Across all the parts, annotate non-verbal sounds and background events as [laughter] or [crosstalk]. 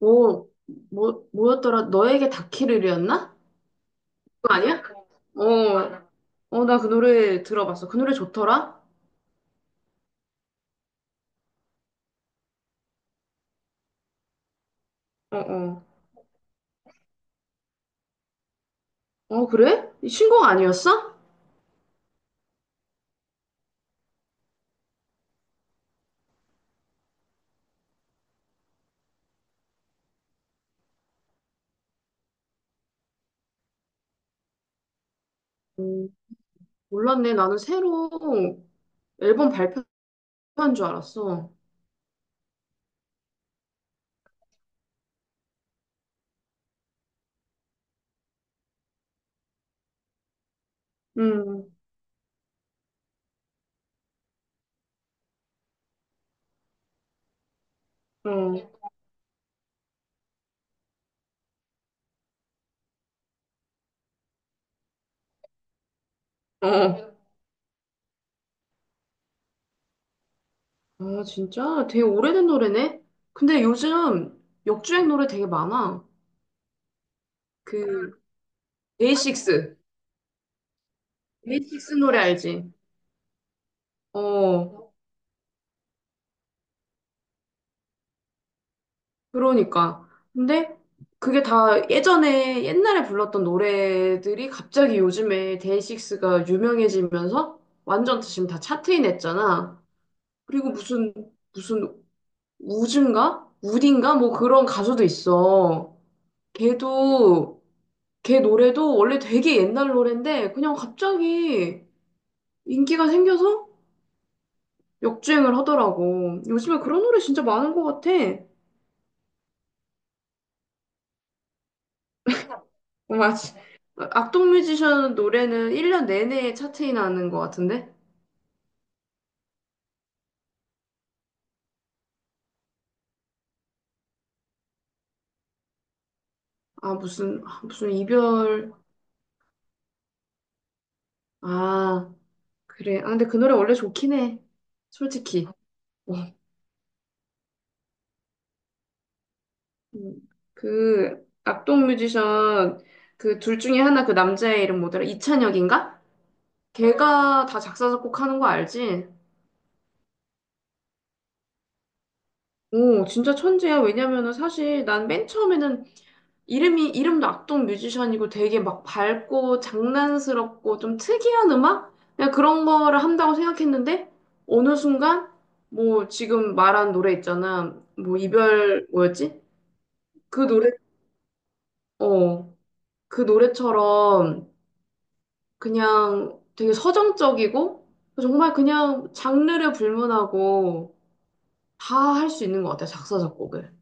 오, 뭐였더라? 너에게 닿기를이었나? 그거 아니야? 어, 나 그 노래 들어봤어. 그 노래 좋더라? 어, 어. 어, 그래? 이 신곡 아니었어? 음, 몰랐네. 나는 새로 앨범 발표한 줄 알았어. 음, 어, 어. 아, 진짜? 되게 오래된 노래네? 근데 요즘 역주행 노래 되게 많아. 그, 데이식스. 데이식스 노래 알지? 어. 그러니까. 근데 그게 다 예전에 옛날에 불렀던 노래들이 갑자기 요즘에 데이식스가 유명해지면서 완전 지금 다 차트인 했잖아. 그리고 무슨 우즈인가? 우딘가? 뭐 그런 가수도 있어. 걔도 걔 노래도 원래 되게 옛날 노래인데 그냥 갑자기 인기가 생겨서 역주행을 하더라고. 요즘에 그런 노래 진짜 많은 것 같아. 맞지. 악동 뮤지션 노래는 1년 내내 차트에 나는 것 같은데? 아, 무슨 이별. 아, 그래. 아, 근데 그 노래 원래 좋긴 해. 솔직히. 어. 음, 악동 뮤지션, 그 둘 중에 하나 그 남자의 이름 뭐더라? 이찬혁인가? 걔가 다 작사, 작곡하는 거 알지? 오, 진짜 천재야. 왜냐면은 사실 난 맨 처음에는 이름도 악동 뮤지션이고 되게 막 밝고 장난스럽고 좀 특이한 음악? 그냥 그런 거를 한다고 생각했는데 어느 순간 뭐 지금 말한 노래 있잖아. 뭐 이별 뭐였지? 그 노래, 어, 그 노래처럼 그냥 되게 서정적이고 정말 그냥 장르를 불문하고 다 할 수 있는 것 같아, 작사, 작곡을.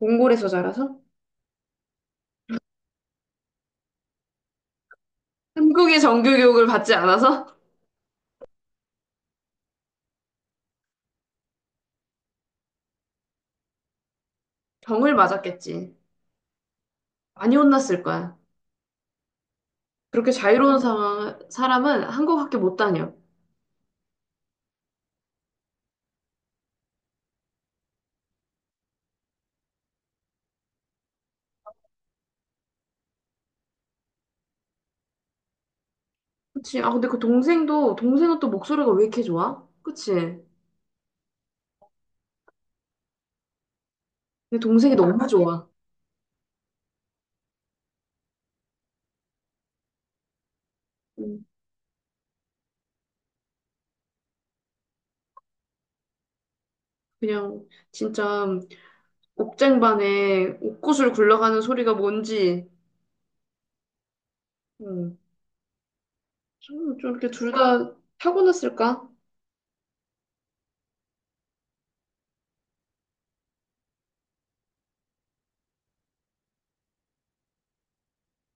몽골에서 자라서? 한국의 정규교육을 받지 않아서? [laughs] 병을 맞았겠지. 많이 혼났을 거야. 그렇게 자유로운 상황, 사람은 한국밖에 못 다녀. 그치? 아, 근데 동생은 또 목소리가 왜 이렇게 좋아? 그치? 근데 동생이 너무 좋아. 음, 그냥, 진짜, 옥쟁반에 옥구슬 굴러가는 소리가 뭔지, 음, 좀 이렇게 둘 다 타고났을까?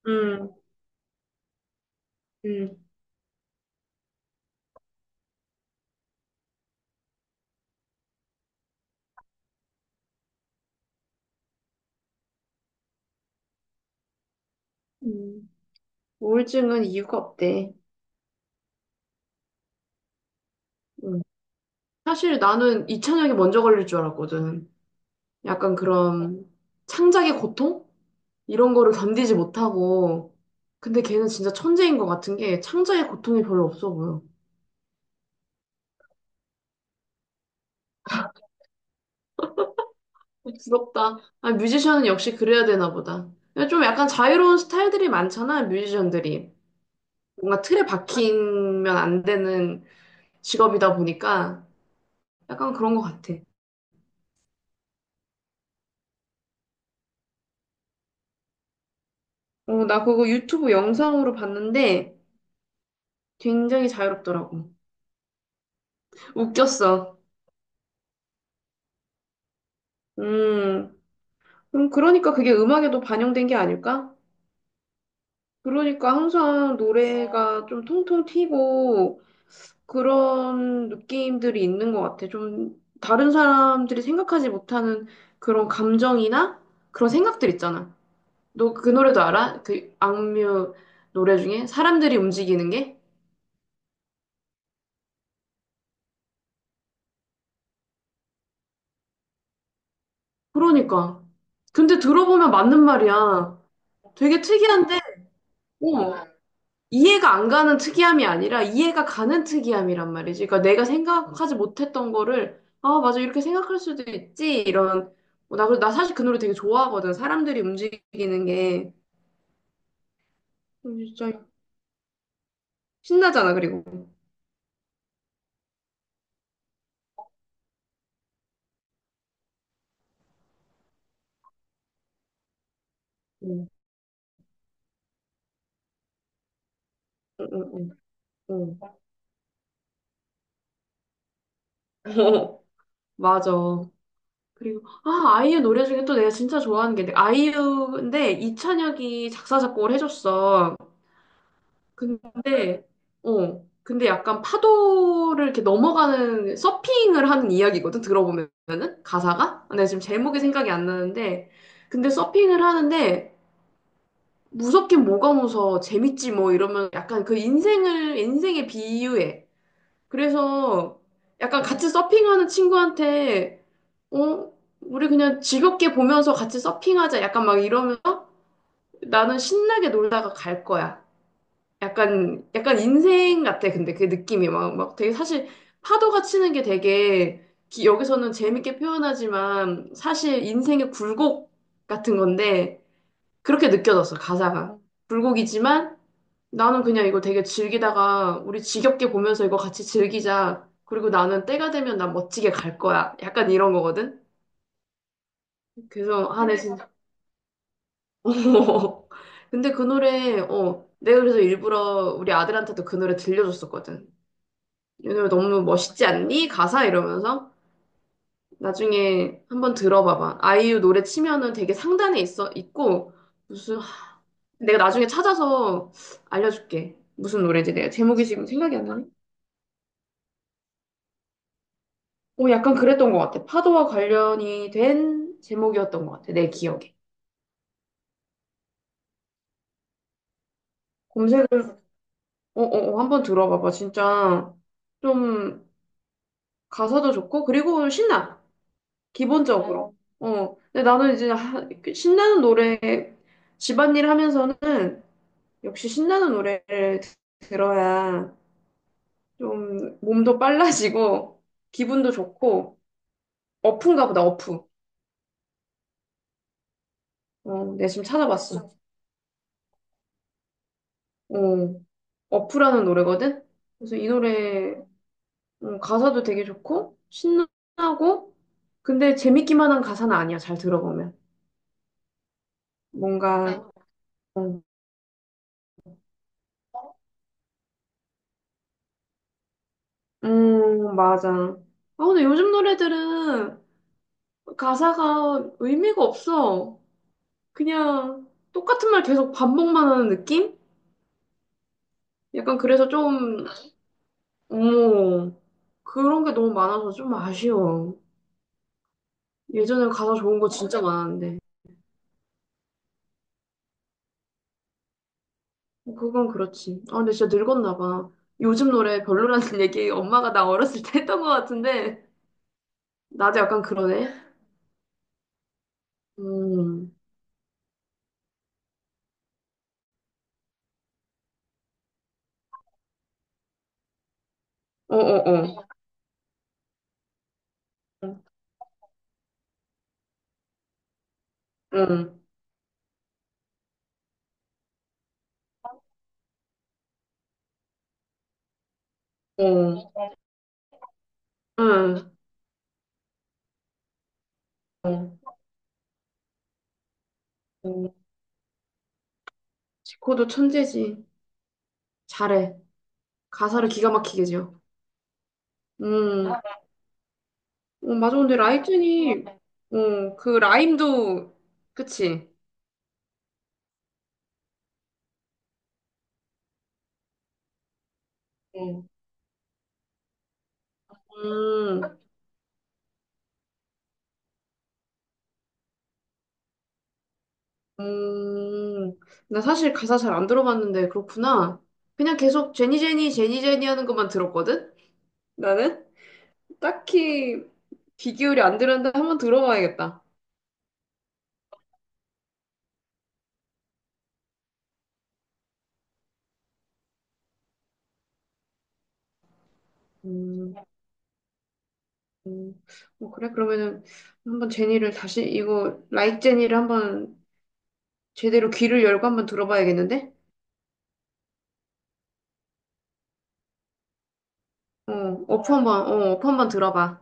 음, 음, 음. 우울증은 이유가 없대. 음. 사실 나는 이찬혁이 먼저 걸릴 줄 알았거든. 약간 그런 창작의 고통? 이런 거를 견디지 못하고, 근데 걔는 진짜 천재인 것 같은 게 창작의 고통이 별로 없어 보여. 부럽다. 아, 뮤지션은 역시 그래야 되나 보다. 좀 약간 자유로운 스타일들이 많잖아, 뮤지션들이. 뭔가 틀에 박히면 안 되는 직업이다 보니까 약간 그런 것 같아. 어, 나 그거 유튜브 영상으로 봤는데 굉장히 자유롭더라고. 웃겼어. 음, 그러니까 그게 음악에도 반영된 게 아닐까? 그러니까 항상 노래가 좀 통통 튀고 그런 느낌들이 있는 것 같아. 좀 다른 사람들이 생각하지 못하는 그런 감정이나 그런 생각들 있잖아. 너 그 노래도 알아? 그 악뮤 노래 중에 사람들이 움직이는 게? 그러니까. 근데 들어보면 맞는 말이야. 되게 특이한데, 어, 이해가 안 가는 특이함이 아니라 이해가 가는 특이함이란 말이지. 그러니까 내가 생각하지 못했던 거를 아, 맞아. 이렇게 생각할 수도 있지. 이런 나 사실 그 노래 되게 좋아하거든. 사람들이 움직이는 게 진짜 신나잖아. 그리고 응, 응, 응, 응. 응. [laughs] 어, 맞아. 아이유 노래 중에 또 내가 진짜 좋아하는 게 아이유인데 이찬혁이 작사 작곡을 해줬어. 근데, 근데 약간 파도를 이렇게 넘어가는 서핑을 하는 이야기거든, 들어보면은? 가사가? 근데 지금 제목이 생각이 안 나는데, 근데 서핑을 하는데, 무섭긴 뭐가 무서워, 재밌지 뭐 이러면 약간 그 인생을, 인생에 비유해. 그래서 약간 같이 서핑하는 어, 우리 그냥 즐겁게 보면서 같이 서핑하자. 약간 막 이러면서 나는 신나게 놀다가 갈 거야. 약간 인생 같아, 근데 그 느낌이 막 되게 사실 파도가 치는 게 되게 여기서는 재밌게 표현하지만 사실 인생의 굴곡 같은 건데 그렇게 느껴졌어, 가사가. 굴곡이지만 나는 그냥 이거 되게 즐기다가 우리 지겹게 보면서 이거 같이 즐기자. 그리고 나는 때가 되면 난 멋지게 갈 거야. 약간 이런 거거든? 그래서, 아, 네 진짜. [laughs] 근데 그 노래, 어, 내가 그래서 일부러 우리 아들한테도 그 노래 들려줬었거든. 오늘 너무 멋있지 않니? 가사 이러면서 나중에 한번 들어봐봐. 아이유 노래 치면은 되게 상단에 있어 있고 무슨 하- 내가 나중에 찾아서 알려줄게. 무슨 노래인지 내가 제목이 지금 생각이 안 나네. 어, 약간 그랬던 것 같아. 파도와 관련이 된 제목이었던 것 같아. 내 기억에. 검색을 어, 한번 들어봐봐. 진짜 좀 가사도 좋고 그리고 신나. 기본적으로. 근데 나는 신나는 노래 집안일 하면서는 역시 신나는 노래를 들어야 좀 몸도 빨라지고 기분도 좋고 어프인가 보다 어프. 어, 내가 지금 찾아봤어. 어, 어프라는 노래거든. 그래서 이 노래 가사도 되게 좋고 신나고 근데 재밌기만 한 가사는 아니야. 잘 들어보면 뭔가 어, 맞아. 아 근데 요즘 노래들은 가사가 의미가 없어. 그냥 똑같은 말 계속 반복만 하는 느낌? 약간 그래서 좀, 어머, 그런 게 너무 많아서 좀 아쉬워. 예전에 가사 좋은 거 진짜 많았는데. 그건 그렇지. 아, 근데 진짜 늙었나 봐. 요즘 노래 별로라는 [laughs] 얘기 엄마가 나 어렸을 때 했던 것 같은데, 나도 약간 그러네. 음, 어어어. 응, 어, 응, 어 어 지코도 천재지. 잘해. 가사를 기가 막히게 지어. 음, 어, 맞아. 그 라임도, 그치? 어, 음, 음, 나 사실 가사 잘 안 들어봤는데 그렇구나. 그냥 계속 제니 제니 제니 제니 하는 것만 들었거든? 나는 딱히 귀 기울이 안 들었는데 한번 들어봐야겠다. 음, 음. 어, 그래? 그러면은 한번 제니를 다시 이거 라이크 제니를 한번 제대로 귀를 열고 한번 들어봐야겠는데? 어, 어프 한번 들어봐.